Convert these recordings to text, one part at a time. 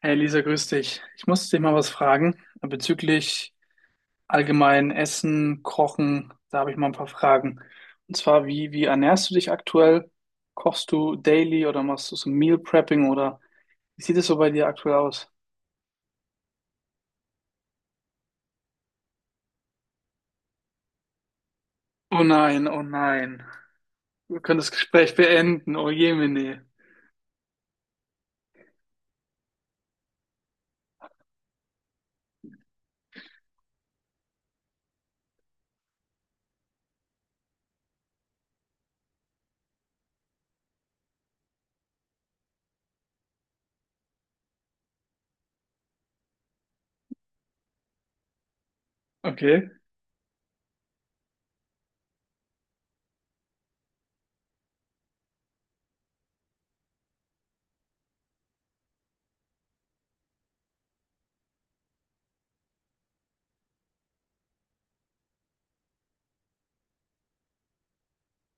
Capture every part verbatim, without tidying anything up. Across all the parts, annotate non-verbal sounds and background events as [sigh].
Hey Lisa, grüß dich. Ich muss dich mal was fragen äh, bezüglich allgemein Essen, Kochen. Da habe ich mal ein paar Fragen. Und zwar, wie, wie ernährst du dich aktuell? Kochst du daily oder machst du so Meal Prepping oder wie sieht es so bei dir aktuell aus? Oh nein, oh nein. Wir können das Gespräch beenden. Oh Jemine. Okay.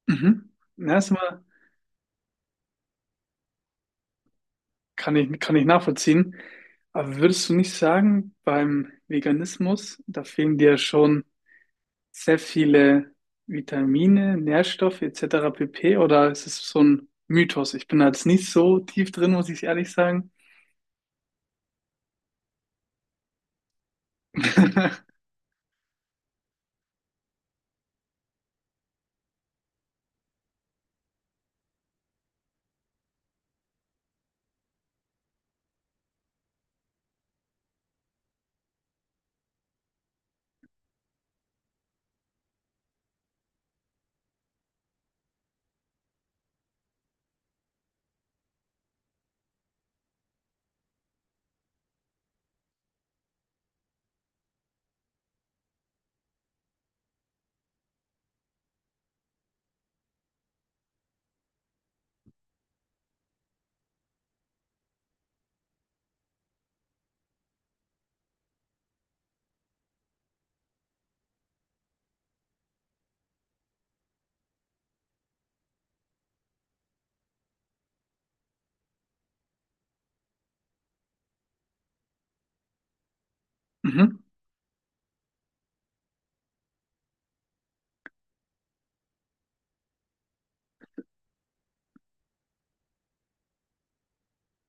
Mhm. Na, erstmal kann ich, kann ich nachvollziehen. Aber würdest du nicht sagen, beim Veganismus, da fehlen dir schon sehr viele Vitamine, Nährstoffe et cetera pp. Oder ist es so ein Mythos? Ich bin da jetzt nicht so tief drin, muss ich ehrlich sagen. [laughs] Mhm.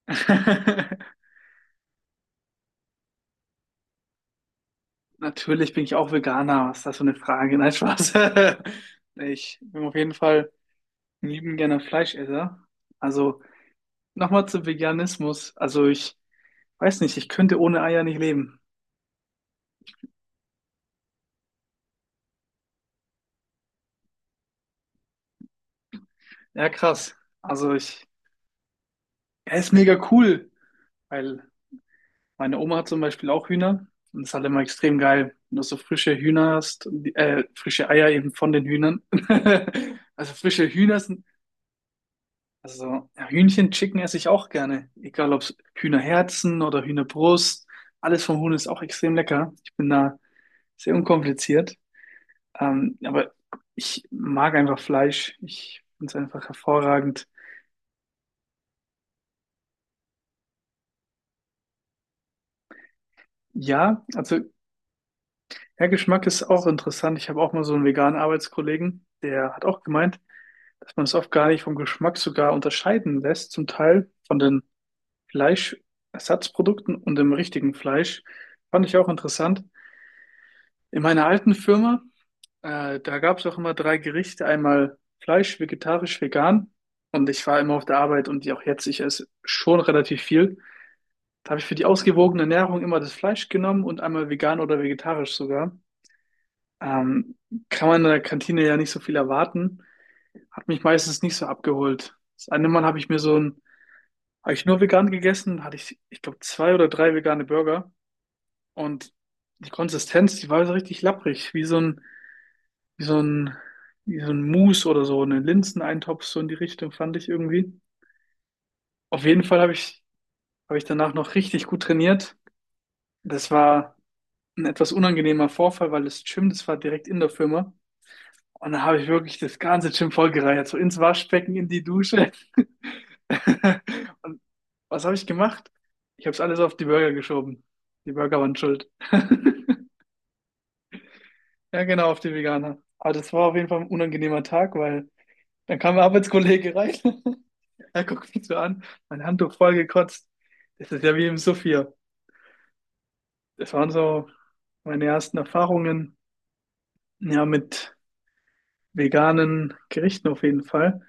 [laughs] Natürlich bin ich auch Veganer. Was ist das für eine Frage? Nein, Spaß. [laughs] Nee, ich bin auf jeden Fall ein lieben gerne Fleischesser. Also nochmal zu Veganismus. Also ich weiß nicht, ich könnte ohne Eier nicht leben. Ja, krass. Also ich, er ist mega cool, weil meine Oma hat zum Beispiel auch Hühner, und es ist halt immer extrem geil, wenn du so frische Hühner hast, und die- äh, frische Eier eben von den Hühnern. [laughs] Also frische Hühner sind, also ja, Hühnchen, Chicken esse ich auch gerne. Egal ob Hühnerherzen oder Hühnerbrust, alles vom Huhn ist auch extrem lecker. Ich bin da sehr unkompliziert. Ähm, aber ich mag einfach Fleisch. Ich finde es einfach hervorragend. Ja, also ja, Geschmack ist auch interessant. Ich habe auch mal so einen veganen Arbeitskollegen, der hat auch gemeint, dass man es oft gar nicht vom Geschmack sogar unterscheiden lässt, zum Teil von den Fleischersatzprodukten und dem richtigen Fleisch. Fand ich auch interessant. In meiner alten Firma, äh, da gab es auch immer drei Gerichte, einmal Fleisch, vegetarisch, vegan. Und ich war immer auf der Arbeit und die auch jetzt, ich esse schon relativ viel. Da habe ich für die ausgewogene Ernährung immer das Fleisch genommen und einmal vegan oder vegetarisch sogar. Ähm, kann man in der Kantine ja nicht so viel erwarten. Hat mich meistens nicht so abgeholt. Das eine Mal habe ich mir so ein, habe ich nur vegan gegessen, hatte ich, ich glaube, zwei oder drei vegane Burger. Und die Konsistenz, die war so richtig lapprig, wie so ein, wie so ein, wie so ein Mousse oder so, eine Linseneintopf, so in die Richtung fand ich irgendwie. Auf jeden Fall habe ich, habe ich danach noch richtig gut trainiert. Das war ein etwas unangenehmer Vorfall, weil das Gym, das war direkt in der Firma. Und dann habe ich wirklich das ganze Gym vollgereiert, so ins Waschbecken, in die Dusche. [laughs] Und was habe ich gemacht? Ich habe es alles auf die Burger geschoben. Die Burger waren schuld. [laughs] Ja, genau, auf die Veganer. Aber das war auf jeden Fall ein unangenehmer Tag, weil dann kam ein Arbeitskollege rein. [laughs] Er guckt mich so an, mein Handtuch voll gekotzt. Das ist ja wie im Sophia. Das waren so meine ersten Erfahrungen, ja, mit veganen Gerichten auf jeden Fall.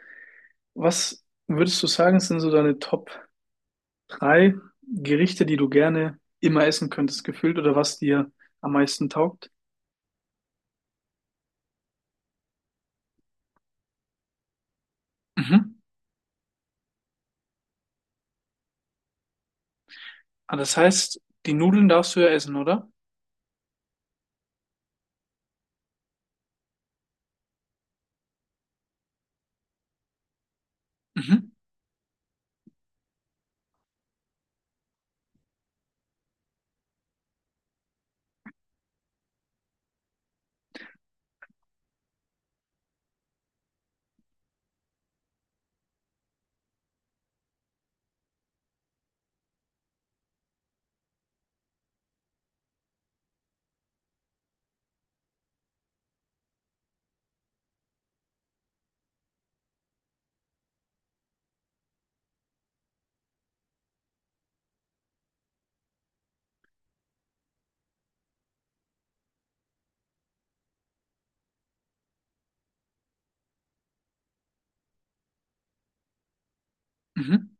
Was würdest du sagen, sind so deine Top drei Gerichte, die du gerne immer essen könntest, gefühlt, oder was dir am meisten taugt. Mhm. Ah, das heißt, die Nudeln darfst du ja essen, oder? Mhm. Mhm.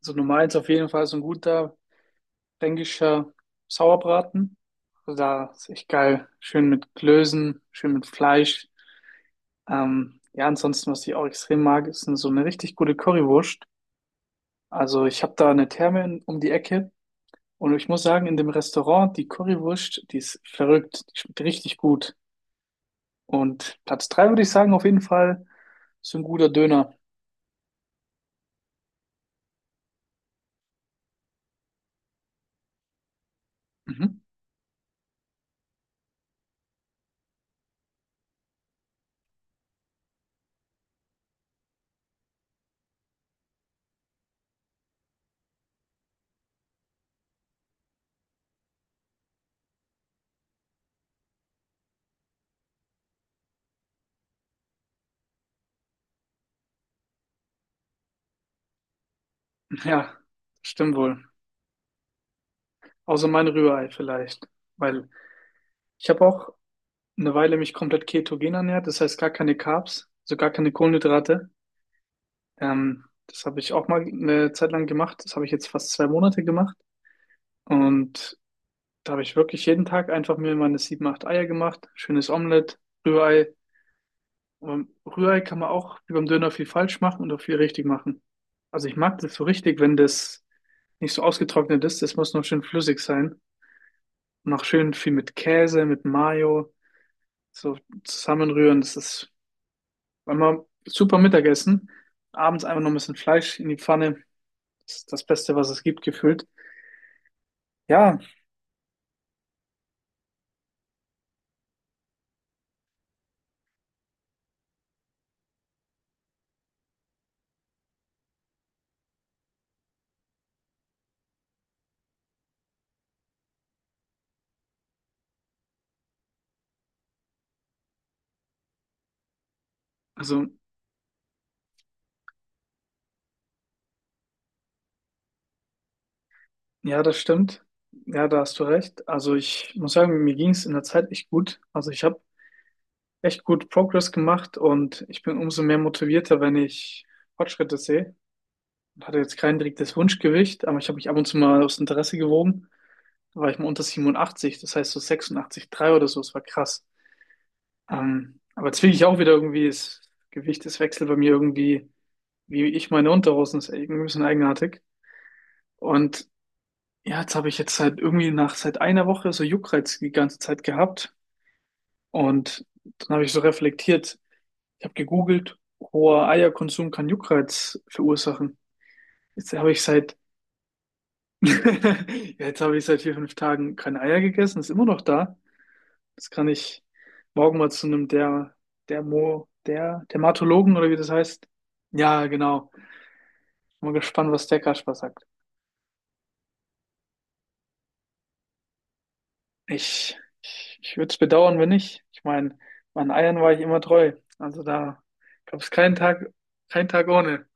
Also Nummer eins auf jeden Fall so ein guter fränkischer Sauerbraten. Also da ist echt geil. Schön mit Klößen, schön mit Fleisch. Ähm, ja, ansonsten, was ich auch extrem mag, ist so eine richtig gute Currywurst. Also ich habe da eine Therme in- um die Ecke, und ich muss sagen, in dem Restaurant, die Currywurst, die ist verrückt, die schmeckt richtig gut. Und Platz drei würde ich sagen, auf jeden Fall so ein guter Döner. Mhm. Ja, stimmt wohl. Außer mein Rührei vielleicht. Weil ich habe auch eine Weile mich komplett ketogen ernährt, das heißt gar keine Carbs, also gar keine Kohlenhydrate. Ähm, das habe ich auch mal eine Zeit lang gemacht. Das habe ich jetzt fast zwei Monate gemacht. Und da habe ich wirklich jeden Tag einfach mir meine sieben, acht Eier gemacht, schönes Omelett, Rührei. Aber Rührei kann man auch wie beim Döner viel falsch machen und auch viel richtig machen. Also ich mag das so richtig, wenn das nicht so ausgetrocknet ist. Das muss noch schön flüssig sein. Und auch schön viel mit Käse, mit Mayo, so zusammenrühren. Das ist immer super Mittagessen. Abends einfach noch ein bisschen Fleisch in die Pfanne. Das ist das Beste, was es gibt, gefühlt. Ja, also, ja, das stimmt. Ja, da hast du recht. Also ich muss sagen, mir ging es in der Zeit echt gut. Also ich habe echt gut Progress gemacht und ich bin umso mehr motivierter, wenn ich Fortschritte sehe. Ich hatte jetzt kein direktes Wunschgewicht, aber ich habe mich ab und zu mal aus Interesse gewogen. Da war ich mal unter siebenundachtzig, das heißt so sechsundachtzig Komma drei oder so, das war krass. Ähm, aber jetzt will ich auch wieder irgendwie, das Gewicht, das wechselt bei mir irgendwie, wie ich meine Unterhosen, ist irgendwie ein bisschen eigenartig. Und ja, jetzt habe ich jetzt halt irgendwie nach seit einer Woche so Juckreiz die ganze Zeit gehabt. Und dann habe ich so reflektiert, ich habe gegoogelt, hoher Eierkonsum kann Juckreiz verursachen. Jetzt habe ich seit [laughs] ja, jetzt habe ich seit vier, fünf Tagen keine Eier gegessen, ist immer noch da. Das kann ich morgen mal zu einem der, der Mo, der Dermatologen oder wie das heißt. Ja, genau. Bin mal gespannt, was der Kasper sagt. Ich, ich, ich würde es bedauern, wenn nicht. Ich meine, meinen Eiern war ich immer treu. Also da gab es keinen Tag, keinen Tag ohne.